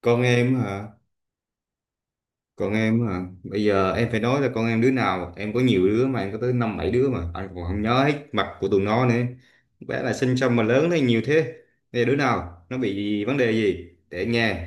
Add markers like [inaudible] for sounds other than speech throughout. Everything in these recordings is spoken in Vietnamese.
con em hả con em hả? Bây giờ em phải nói là con em đứa nào, em có nhiều đứa mà, em có tới năm bảy đứa mà anh còn không nhớ hết mặt của tụi nó nữa. Bé là sinh xong mà lớn lên nhiều thế. Bây giờ đứa nào nó bị vấn đề gì để anh nghe.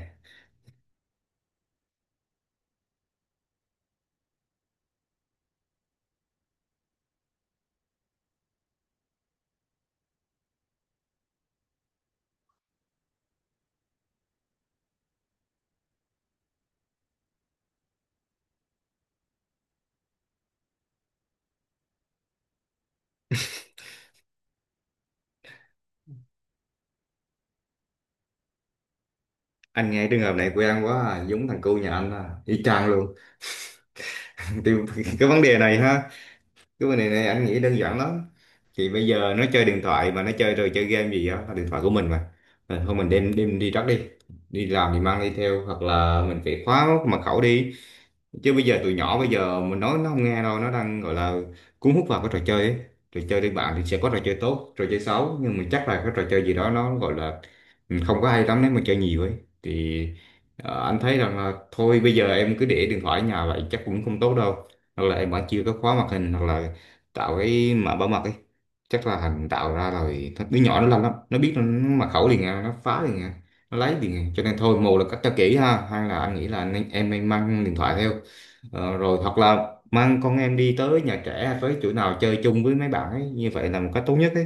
Anh nghe trường hợp này quen quá à. Giống thằng cu nhà anh à, y chang luôn. [laughs] Thì cái vấn đề này anh nghĩ đơn giản lắm. Thì bây giờ nó chơi điện thoại mà, nó chơi rồi chơi game gì đó, là điện thoại của mình mà. Thôi mình đem đem đi trắc đi, đi làm thì mang đi theo, hoặc là mình phải khóa mật khẩu đi. Chứ bây giờ tụi nhỏ bây giờ mình nói nó không nghe đâu, nó đang gọi là cuốn hút vào cái trò chơi ấy. Trò chơi đi bạn thì sẽ có trò chơi tốt trò chơi xấu, nhưng mà chắc là cái trò chơi gì đó nó gọi là không có hay lắm nếu mà chơi nhiều ấy. Thì anh thấy rằng là thôi bây giờ em cứ để điện thoại ở nhà vậy chắc cũng không tốt đâu. Hoặc là em vẫn chưa có khóa màn hình, hoặc là tạo cái mã bảo mật ấy. Chắc là hành tạo ra rồi đứa nhỏ nó làm lắm, nó biết, nó mật khẩu liền à, nó phá liền à. Nó lấy tiền cho nên thôi, một là cách cho kỹ ha, hai là anh nghĩ là em nên mang điện thoại theo. Rồi hoặc là mang con em đi tới nhà trẻ hay tới chỗ nào chơi chung với mấy bạn ấy, như vậy là một cách tốt nhất ấy.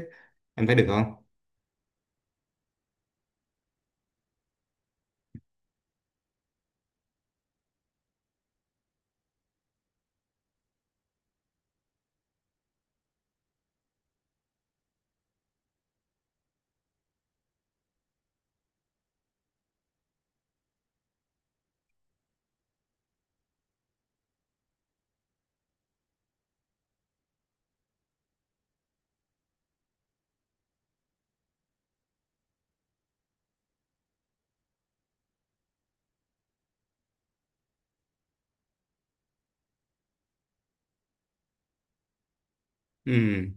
Em thấy được không? Ừ,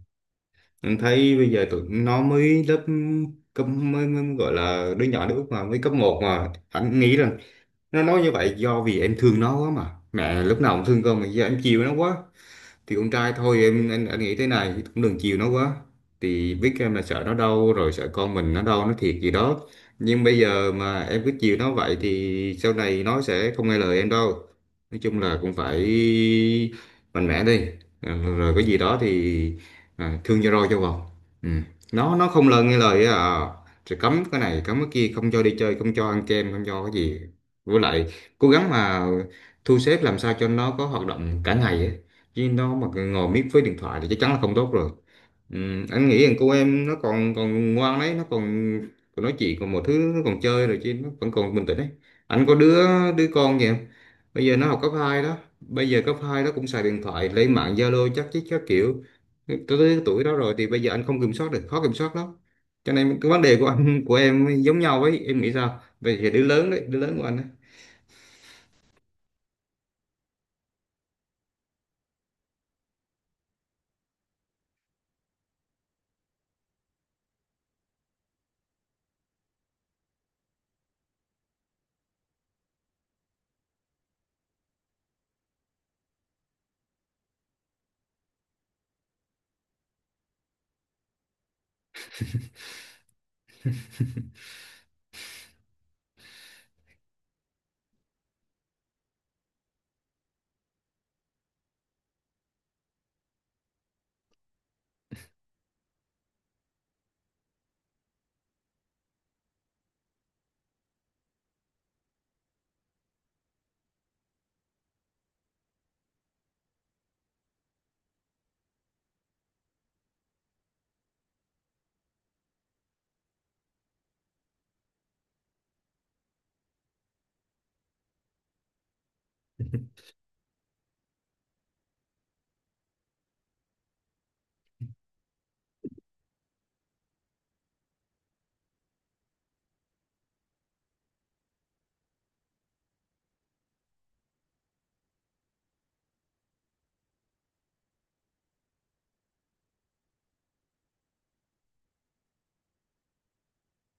em thấy bây giờ tụi nó mới lớp cấp mới gọi là đứa nhỏ nước mà mới cấp một, mà anh nghĩ rằng nó nói như vậy do vì em thương nó quá mà, mẹ lúc nào cũng thương con mà, giờ em chiều nó quá. Thì con trai thôi em, anh nghĩ thế này, cũng đừng chiều nó quá. Thì biết em là sợ nó đau, rồi sợ con mình nó đau nó thiệt gì đó, nhưng bây giờ mà em cứ chiều nó vậy thì sau này nó sẽ không nghe lời em đâu. Nói chung là cũng phải mạnh mẽ đi. Rồi cái gì đó thì thương cho roi cho vọt. Ừ. nó không nghe lời á à. Rồi cấm cái này cấm cái kia, không cho đi chơi, không cho ăn kem, không cho cái gì. Với lại cố gắng mà thu xếp làm sao cho nó có hoạt động cả ngày á. Chứ nó mà ngồi miết với điện thoại thì chắc chắn là không tốt rồi. ừ, anh nghĩ rằng cô em nó còn còn ngoan đấy, nó còn còn nói chuyện còn mọi thứ, nó còn chơi rồi chứ, nó vẫn còn bình tĩnh đấy. Anh có đứa đứa con kìa, bây giờ nó học cấp 2 đó, bây giờ cấp 2 nó cũng xài điện thoại lên mạng Zalo chắc chứ, các kiểu. Tới tới tuổi đó rồi thì bây giờ anh không kiểm soát được, khó kiểm soát lắm. Cho nên cái vấn đề của anh của em giống nhau ấy, em nghĩ sao bây giờ đứa lớn đấy, đứa lớn của anh.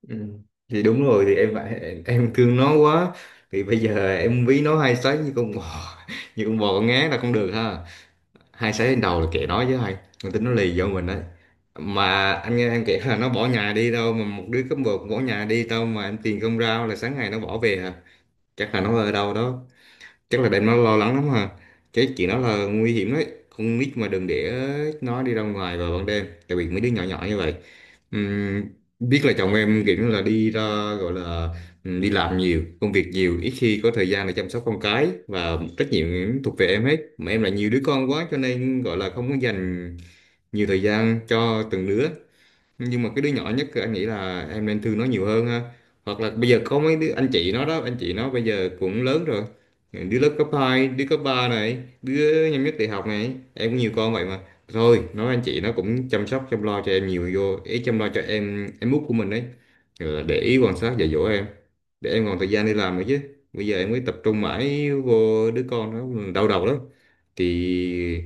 Ừ. Thì đúng rồi, thì em phải em thương nó quá thì bây giờ em ví nó hai sấy như con bò [laughs] như con bò con ngán là không được ha. Hai sấy lên đầu là kệ nó chứ hay, con tính nó lì vô mình đấy. Mà anh nghe em kể là nó bỏ nhà đi đâu mà một đứa cấp một bỏ nhà đi đâu mà, em tiền không rao là sáng ngày nó bỏ về à. Chắc là nó ở đâu đó, chắc là đem nó lo lắng lắm ha. Cái chuyện đó là nguy hiểm đấy, con nít mà đừng để nó đi ra ngoài vào ban đêm, đặc biệt mấy đứa nhỏ nhỏ như vậy. Ừm, Biết là chồng em kiểu như là đi ra, gọi là đi làm nhiều công việc nhiều, ít khi có thời gian để chăm sóc con cái, và trách nhiệm thuộc về em hết, mà em là nhiều đứa con quá cho nên gọi là không có dành nhiều thời gian cho từng đứa. Nhưng mà cái đứa nhỏ nhất anh nghĩ là em nên thương nó nhiều hơn ha. Hoặc là bây giờ có mấy đứa anh chị nó đó, anh chị nó bây giờ cũng lớn rồi, đứa lớp cấp 2, đứa cấp 3 này, đứa năm nhất đại học này, em có nhiều con vậy mà. Thôi nói anh chị nó cũng chăm sóc chăm lo cho em nhiều, vô ý chăm lo cho em út của mình đấy. Rồi để ý quan sát dạy dỗ em, để em còn thời gian đi làm nữa chứ. Bây giờ em mới tập trung mãi vô đứa con, nó đau đầu lắm. Thì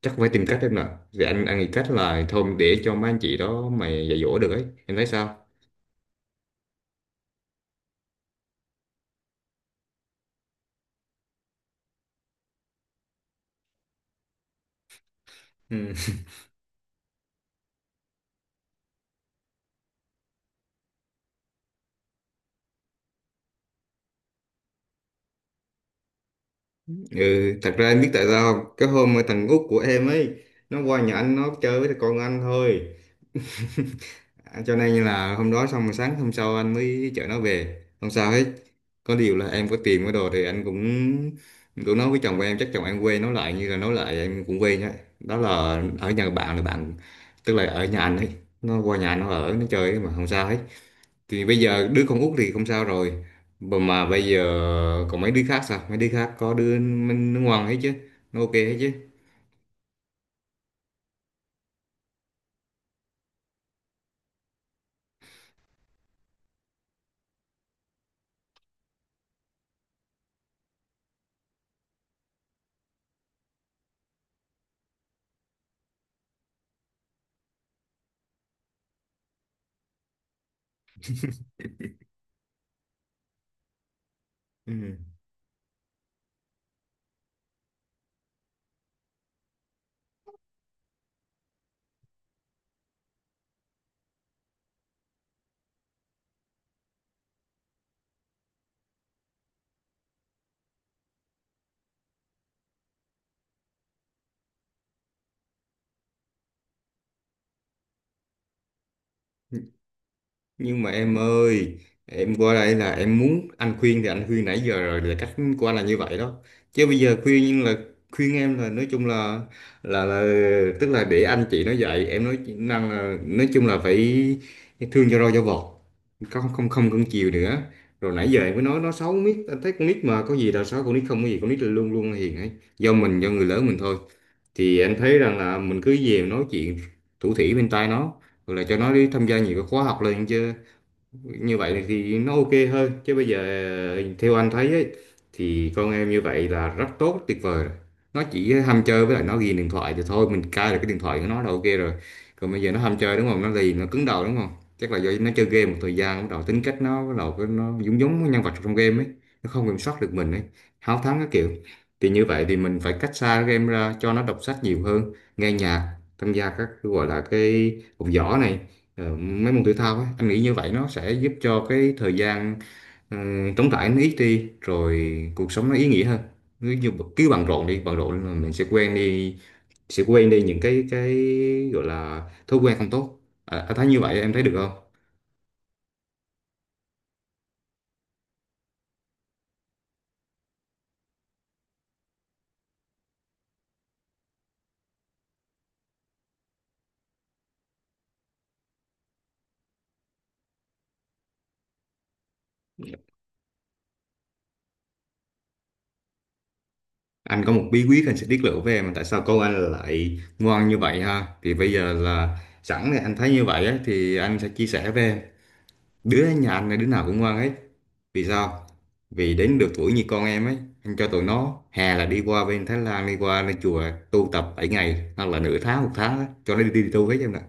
chắc phải tìm cách em nè. Thì anh nghĩ cách là thôi để cho mấy anh chị đó mà dạy dỗ được ấy, em thấy sao? Ừ. Ừ, thật ra em biết tại sao không, cái hôm mà thằng út của em ấy nó qua nhà anh nó chơi với con anh thôi. [laughs] À, cho nên là hôm đó xong rồi sáng hôm sau anh mới chở nó về, không sao hết. Có điều là em có tiền cái đồ thì anh cũng cũng nói với chồng của em, chắc chồng em quê nói lại, như là nói lại em cũng quê nhá. Đó là ở nhà bạn là bạn, tức là ở nhà anh ấy, nó qua nhà anh nó ở nó chơi mà không sao hết. Thì bây giờ đứa con út thì không sao rồi, mà bây giờ còn mấy đứa khác sao, mấy đứa khác có đứa nó ngoan hết chứ, nó ok hết chứ. Ừ. Nhưng mà em ơi, em qua đây là em muốn anh khuyên thì anh khuyên nãy giờ rồi, là cách của anh là như vậy đó. Chứ bây giờ khuyên nhưng là khuyên em là nói chung là là tức là để anh chị nó dạy em, nói năng là nói chung là phải thương cho rau cho vọt, không không không cưng chiều nữa. Rồi nãy giờ em mới nói nó xấu miết, anh thấy con nít mà có gì là xấu, con nít không có gì, con nít là luôn luôn là hiền ấy, do mình do người lớn mình thôi. Thì anh thấy rằng là mình cứ về nói chuyện thủ thỉ bên tai nó, rồi là cho nó đi tham gia nhiều cái khóa học lên chứ, như vậy thì nó ok hơn. Chứ bây giờ theo anh thấy ấy, thì con em như vậy là rất tốt tuyệt vời rồi. Nó chỉ ham chơi với lại nó ghiền điện thoại thì thôi mình cai được cái điện thoại của nó là ok rồi. Còn bây giờ nó ham chơi đúng không, nó lì nó cứng đầu đúng không? Chắc là do nó chơi game một thời gian bắt đầu tính cách nó bắt đầu nó giống giống với nhân vật trong game ấy, nó không kiểm soát được mình ấy, háo thắng các kiểu. Thì như vậy thì mình phải cách xa cái game ra, cho nó đọc sách nhiều hơn, nghe nhạc, tham gia các cái gọi là cái học võ này, mấy môn thể thao á. Anh nghĩ như vậy nó sẽ giúp cho cái thời gian ờ, trống trải nó ít đi, rồi cuộc sống nó ý nghĩa hơn. Cứ như cứ bận rộn đi, bận rộn là mình sẽ quen đi, sẽ quên đi những cái gọi là thói quen không tốt. Anh thấy như vậy em thấy được không? Anh có một bí quyết, anh sẽ tiết lộ với em tại sao con anh lại ngoan như vậy ha. Thì bây giờ là sẵn thì anh thấy như vậy á, thì anh sẽ chia sẻ với em. Đứa nhà anh là đứa nào cũng ngoan hết, vì sao? Vì đến được tuổi như con em ấy, anh cho tụi nó hè là đi qua bên Thái Lan, đi qua lên chùa tu tập 7 ngày hoặc là nửa tháng một tháng á, cho nó đi, đi, đi tu hết em nè.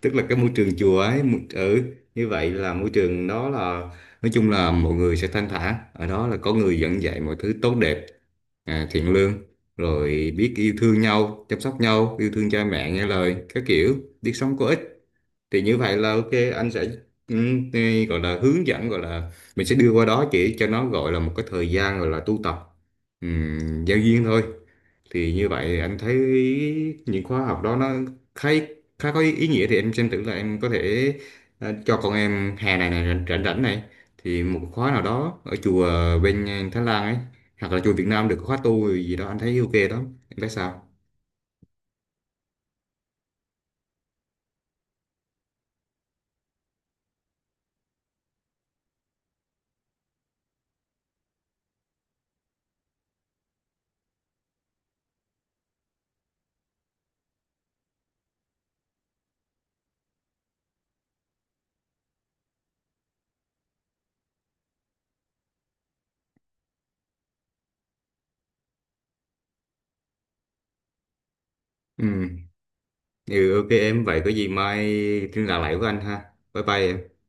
Tức là cái môi trường chùa ấy ừ, như vậy là môi trường đó là nói chung là mọi người sẽ thanh thản, ở đó là có người dẫn dạy mọi thứ tốt đẹp, thiện lương, rồi biết yêu thương nhau, chăm sóc nhau, yêu thương cha mẹ, nghe lời các kiểu, biết sống có ích. Thì như vậy là ok. Anh sẽ thì gọi là hướng dẫn, gọi là mình sẽ đưa qua đó chỉ cho nó, gọi là một cái thời gian gọi là tu tập giao duyên thôi. Thì như vậy anh thấy những khóa học đó nó khá khá có ý nghĩa. Thì em xem thử là em có thể cho con em hè này này rảnh rảnh rảnh này, thì một khóa nào đó ở chùa bên Thái Lan ấy, hoặc là chùa Việt Nam, được khóa tu gì đó anh thấy ok đó. Em thấy sao? Ừ, ừ ok em vậy có gì mai liên lạc lại với anh ha. Bye bye em.